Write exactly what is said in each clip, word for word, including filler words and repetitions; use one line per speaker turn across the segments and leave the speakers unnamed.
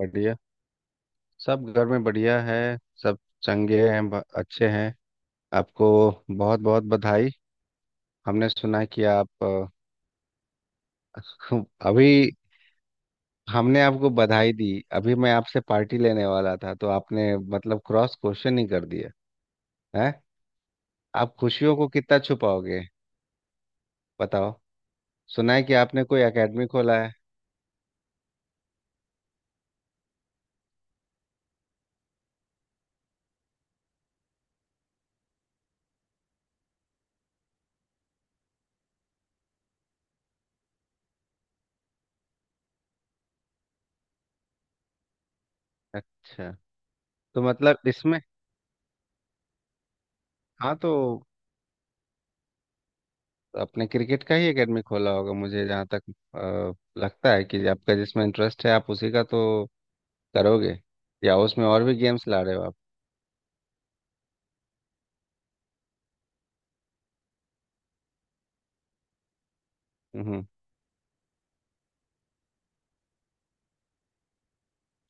बढ़िया। सब घर में बढ़िया है, सब चंगे हैं, ब- अच्छे हैं। आपको बहुत बहुत बधाई। हमने सुना है कि आप अ, अभी हमने आपको बधाई दी। अभी मैं आपसे पार्टी लेने वाला था, तो आपने मतलब क्रॉस क्वेश्चन ही कर दिया है। आप खुशियों को कितना छुपाओगे? बताओ। सुना है कि आपने कोई एकेडमी खोला है। अच्छा, तो मतलब इसमें। हाँ, तो आपने क्रिकेट का ही एकेडमी खोला होगा, मुझे जहाँ तक अ, लगता है कि आपका जिसमें इंटरेस्ट है, आप उसी का तो करोगे, या उसमें और भी गेम्स ला रहे हो आप? हम्म।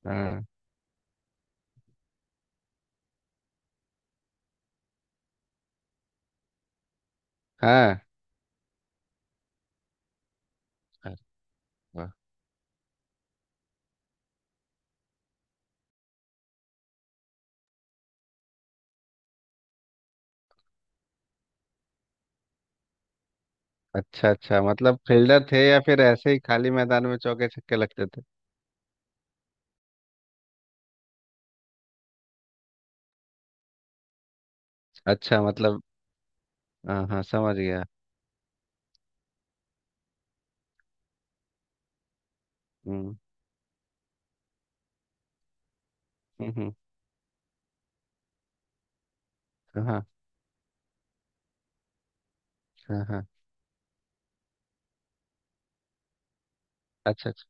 हाँ हाँ। अरे वाह। अच्छा अच्छा, मतलब फील्डर थे, या फिर ऐसे ही खाली मैदान में चौके छक्के लगते थे? अच्छा, मतलब। हाँ हाँ, समझ गया। हम्म हम्म, हम्म। हाँ हाँ। हाँ, अच्छा अच्छा।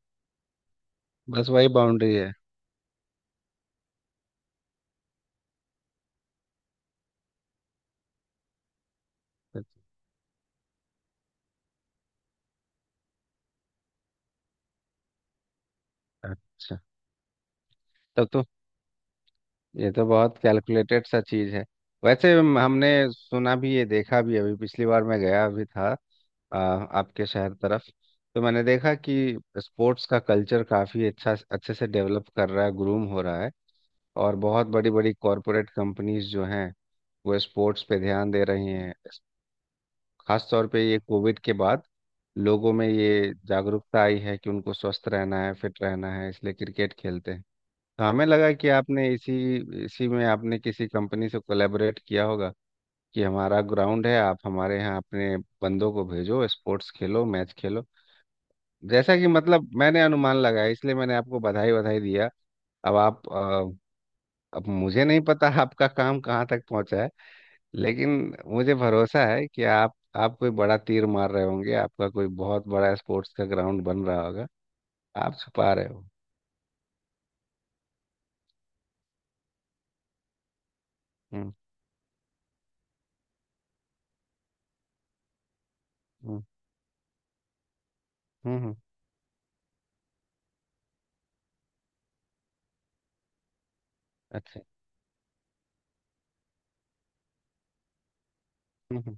बस वही बाउंड्री है। अच्छा। तब तो ये तो बहुत कैलकुलेटेड सा चीज है। वैसे हम- हमने सुना भी है, देखा भी है, अभी पिछली बार मैं गया भी था आ, आपके शहर तरफ। तो मैंने देखा कि स्पोर्ट्स का कल्चर काफ़ी अच्छा, अच्छे से डेवलप कर रहा है, ग्रूम हो रहा है। और बहुत बड़ी बड़ी कॉरपोरेट कंपनीज जो हैं, वो स्पोर्ट्स पे ध्यान दे रही हैं। खास तौर पे ये कोविड के बाद लोगों में ये जागरूकता आई है कि उनको स्वस्थ रहना है, फिट रहना है, इसलिए क्रिकेट खेलते हैं। तो हमें लगा कि आपने इसी, इसी में आपने किसी कंपनी से कोलैबोरेट किया होगा कि हमारा ग्राउंड है, आप हमारे यहाँ अपने बंदों को भेजो, स्पोर्ट्स खेलो, मैच खेलो। जैसा कि मतलब मैंने अनुमान लगाया, इसलिए मैंने आपको बधाई बधाई दिया। अब आप अ, अब मुझे नहीं पता आपका काम कहाँ तक पहुँचा है, लेकिन मुझे भरोसा है कि आप आप कोई बड़ा तीर मार रहे होंगे, आपका कोई बहुत बड़ा स्पोर्ट्स का ग्राउंड बन रहा होगा। आप छुपा रहे हो। हम्म। हम्म। हम्म। हम्म, अच्छा। हम्म, हम्म।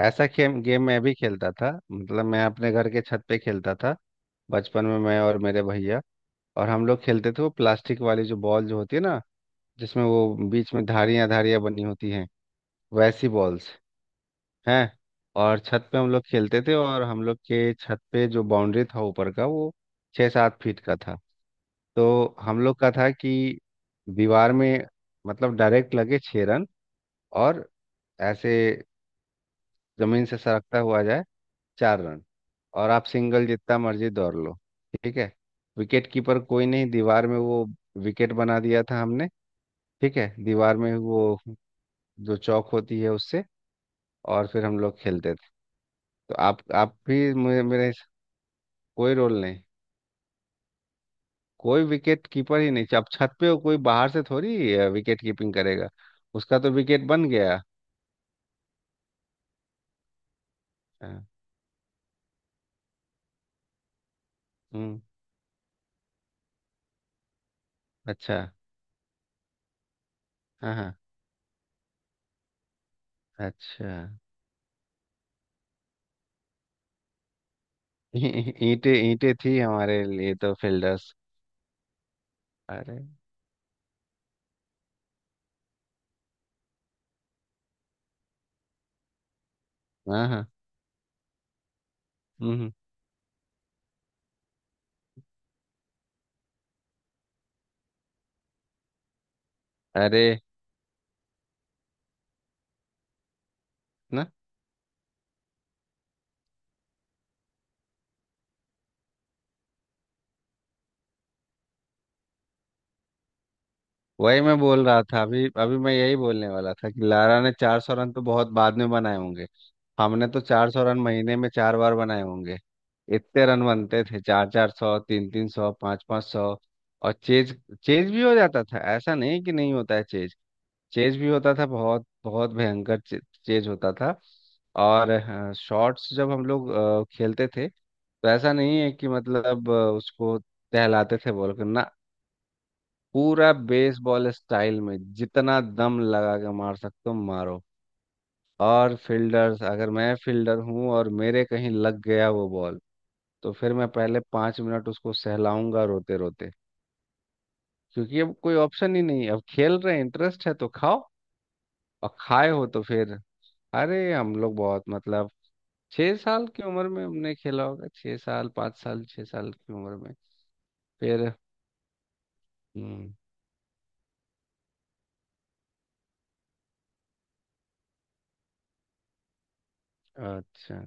ऐसा गेम गेम मैं भी खेलता था, मतलब मैं अपने घर के छत पे खेलता था बचपन में, मैं और मेरे भैया। और हम लोग खेलते थे वो प्लास्टिक वाली जो बॉल जो होती है ना, जिसमें वो बीच में धारियां धारियां बनी होती हैं, वैसी बॉल्स हैं। और छत पे हम लोग खेलते थे, और हम लोग के छत पे जो बाउंड्री था ऊपर का, वो छः सात फीट का था। तो हम लोग का था कि दीवार में, मतलब डायरेक्ट लगे छः रन, और ऐसे जमीन से सरकता हुआ जाए, चार रन। और आप सिंगल जितना मर्जी दौड़ लो, ठीक है। विकेट कीपर कोई नहीं, दीवार में वो विकेट बना दिया था हमने, ठीक है, दीवार में वो जो चौक होती है उससे। और फिर हम लोग खेलते थे। तो आप आप भी मुझे मेरे, कोई रोल नहीं। कोई विकेट कीपर ही नहीं, अब छत पे हो, कोई बाहर से थोड़ी अ, विकेट कीपिंग करेगा। उसका तो विकेट बन गया। हाँ। हम्म। अच्छा। हाँ हाँ। अच्छा। ईंटे ईंटे थी हमारे लिए तो फील्डर्स। अरे। हाँ हाँ। हम्म। अरे। ना। वही मैं बोल रहा था, अभी अभी मैं यही बोलने वाला था कि लारा ने चार सौ रन तो बहुत बाद में बनाए होंगे, हमने तो चार सौ रन महीने में चार बार बनाए होंगे। इतने रन बनते थे, चार चार सौ, तीन तीन सौ, पाँच पाँच सौ। और चेज, चेज भी हो जाता था, ऐसा नहीं कि नहीं होता है चेज। चेज भी होता था बहुत बहुत भयंकर चे, चेज होता था। और हाँ, शॉट्स जब हम लोग अ, खेलते थे, तो ऐसा नहीं है कि मतलब अ, उसको दहलाते थे बोल कर ना, पूरा बेसबॉल स्टाइल में जितना दम लगा के मार सकते हो मारो। और फील्डर्स, अगर मैं फील्डर हूँ और मेरे कहीं लग गया वो बॉल, तो फिर मैं पहले पांच मिनट उसको सहलाऊंगा रोते रोते, क्योंकि अब कोई ऑप्शन ही नहीं है, अब खेल रहे हैं, इंटरेस्ट है तो खाओ। और खाए हो तो फिर। अरे हम लोग बहुत मतलब छह साल की उम्र में हमने खेला होगा, छह साल, पाँच साल, छह साल की उम्र में। फिर। हम्म। अच्छा।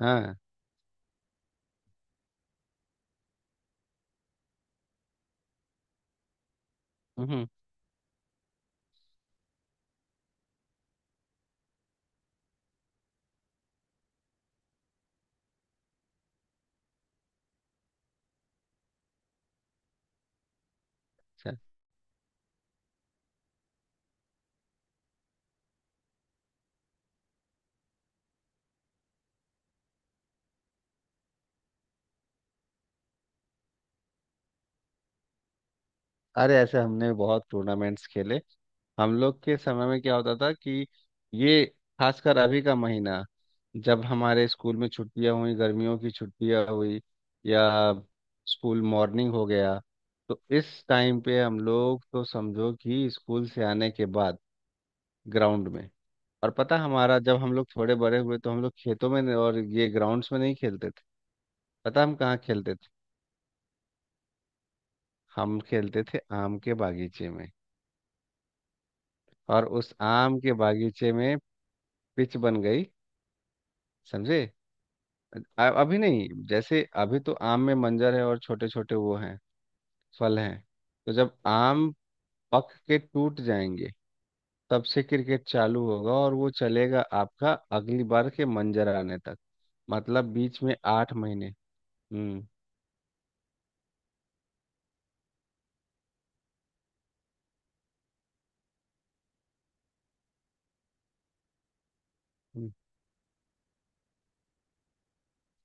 हाँ। हम्म। अच्छा। अरे ऐसे हमने बहुत टूर्नामेंट्स खेले। हम लोग के समय में क्या होता था कि ये, खासकर अभी का महीना, जब हमारे स्कूल में छुट्टियां हुई, गर्मियों की छुट्टियां हुई, या स्कूल मॉर्निंग हो गया, तो इस टाइम पे हम लोग तो समझो कि स्कूल से आने के बाद ग्राउंड में। और पता, हमारा जब हम लोग थोड़े बड़े हुए, तो हम लोग खेतों में नहीं- और ये ग्राउंड्स में नहीं खेलते थे। पता हम कहाँ खेलते थे? हम खेलते थे आम के बागीचे में। और उस आम के बागीचे में पिच बन गई, समझे। अ- अभी नहीं, जैसे अभी तो आम में मंजर है और छोटे छोटे वो हैं, फल हैं। तो जब आम पक के टूट जाएंगे, तब से क्रिकेट चालू होगा, और वो चलेगा आपका अगली बार के मंजर आने तक। मतलब बीच में आठ महीने। हम्म। हम्म।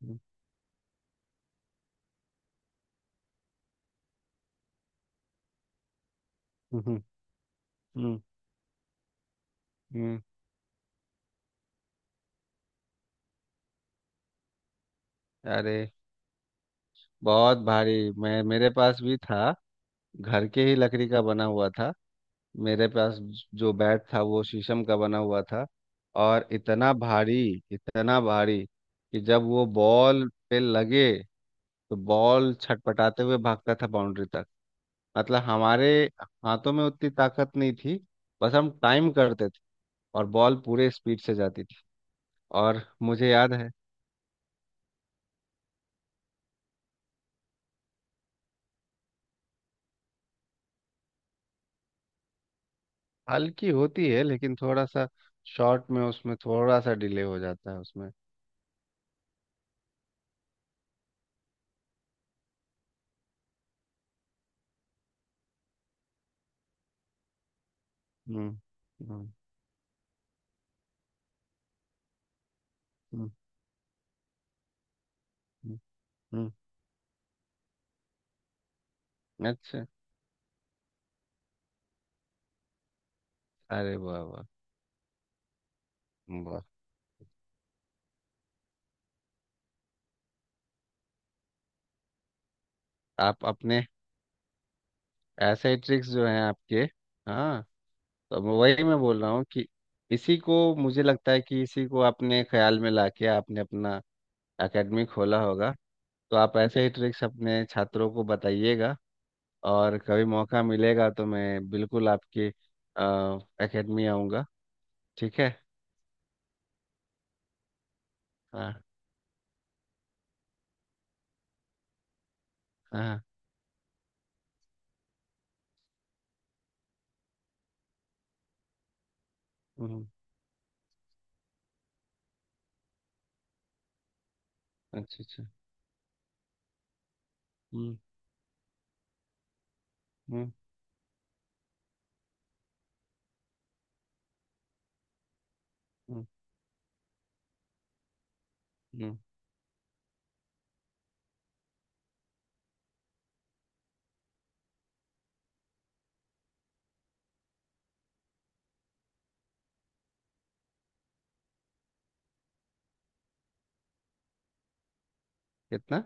हम्म। हम्म। हम्म, हम्म। अरे बहुत भारी मैं, मेरे पास भी था, घर के ही लकड़ी का बना हुआ था। मेरे पास जो बैट था वो शीशम का बना हुआ था, और इतना भारी, इतना भारी कि जब वो बॉल पे लगे, तो बॉल छटपटाते हुए भागता था बाउंड्री तक। मतलब हमारे हाथों में उतनी ताकत नहीं थी, बस हम टाइम करते थे, और बॉल पूरे स्पीड से जाती थी। और मुझे याद है। हल्की होती है, लेकिन थोड़ा सा शॉट में उसमें थोड़ा सा डिले हो जाता है उसमें। हम्म। हम्म। हम्म। हम्म। हम्म। अच्छा। अरे वाह वाह। वाह। आप अपने ऐसे ट्रिक्स जो हैं आपके। हाँ। तो मैं- वही मैं बोल रहा हूँ कि इसी को मुझे लगता है कि इसी को आपने ख्याल में लाके आपने अपना एकेडमी खोला होगा। तो आप ऐसे ही ट्रिक्स अपने छात्रों को बताइएगा। और कभी मौका मिलेगा तो मैं बिल्कुल आपकी एकेडमी आऊँगा। ठीक है। हाँ। हाँ हम्म, अच्छा अच्छा। हम्म हम्म। हम्म। हम्म, कितना?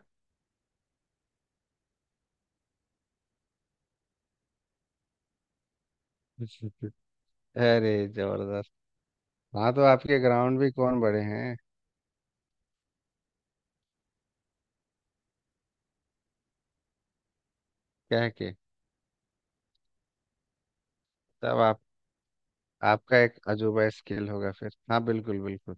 अरे जबरदस्त। हाँ, तो आपके ग्राउंड भी कौन बड़े हैं? क्या है कि। तब आप। आपका एक अजूबा स्किल होगा फिर। हाँ, बिल्कुल बिल्कुल।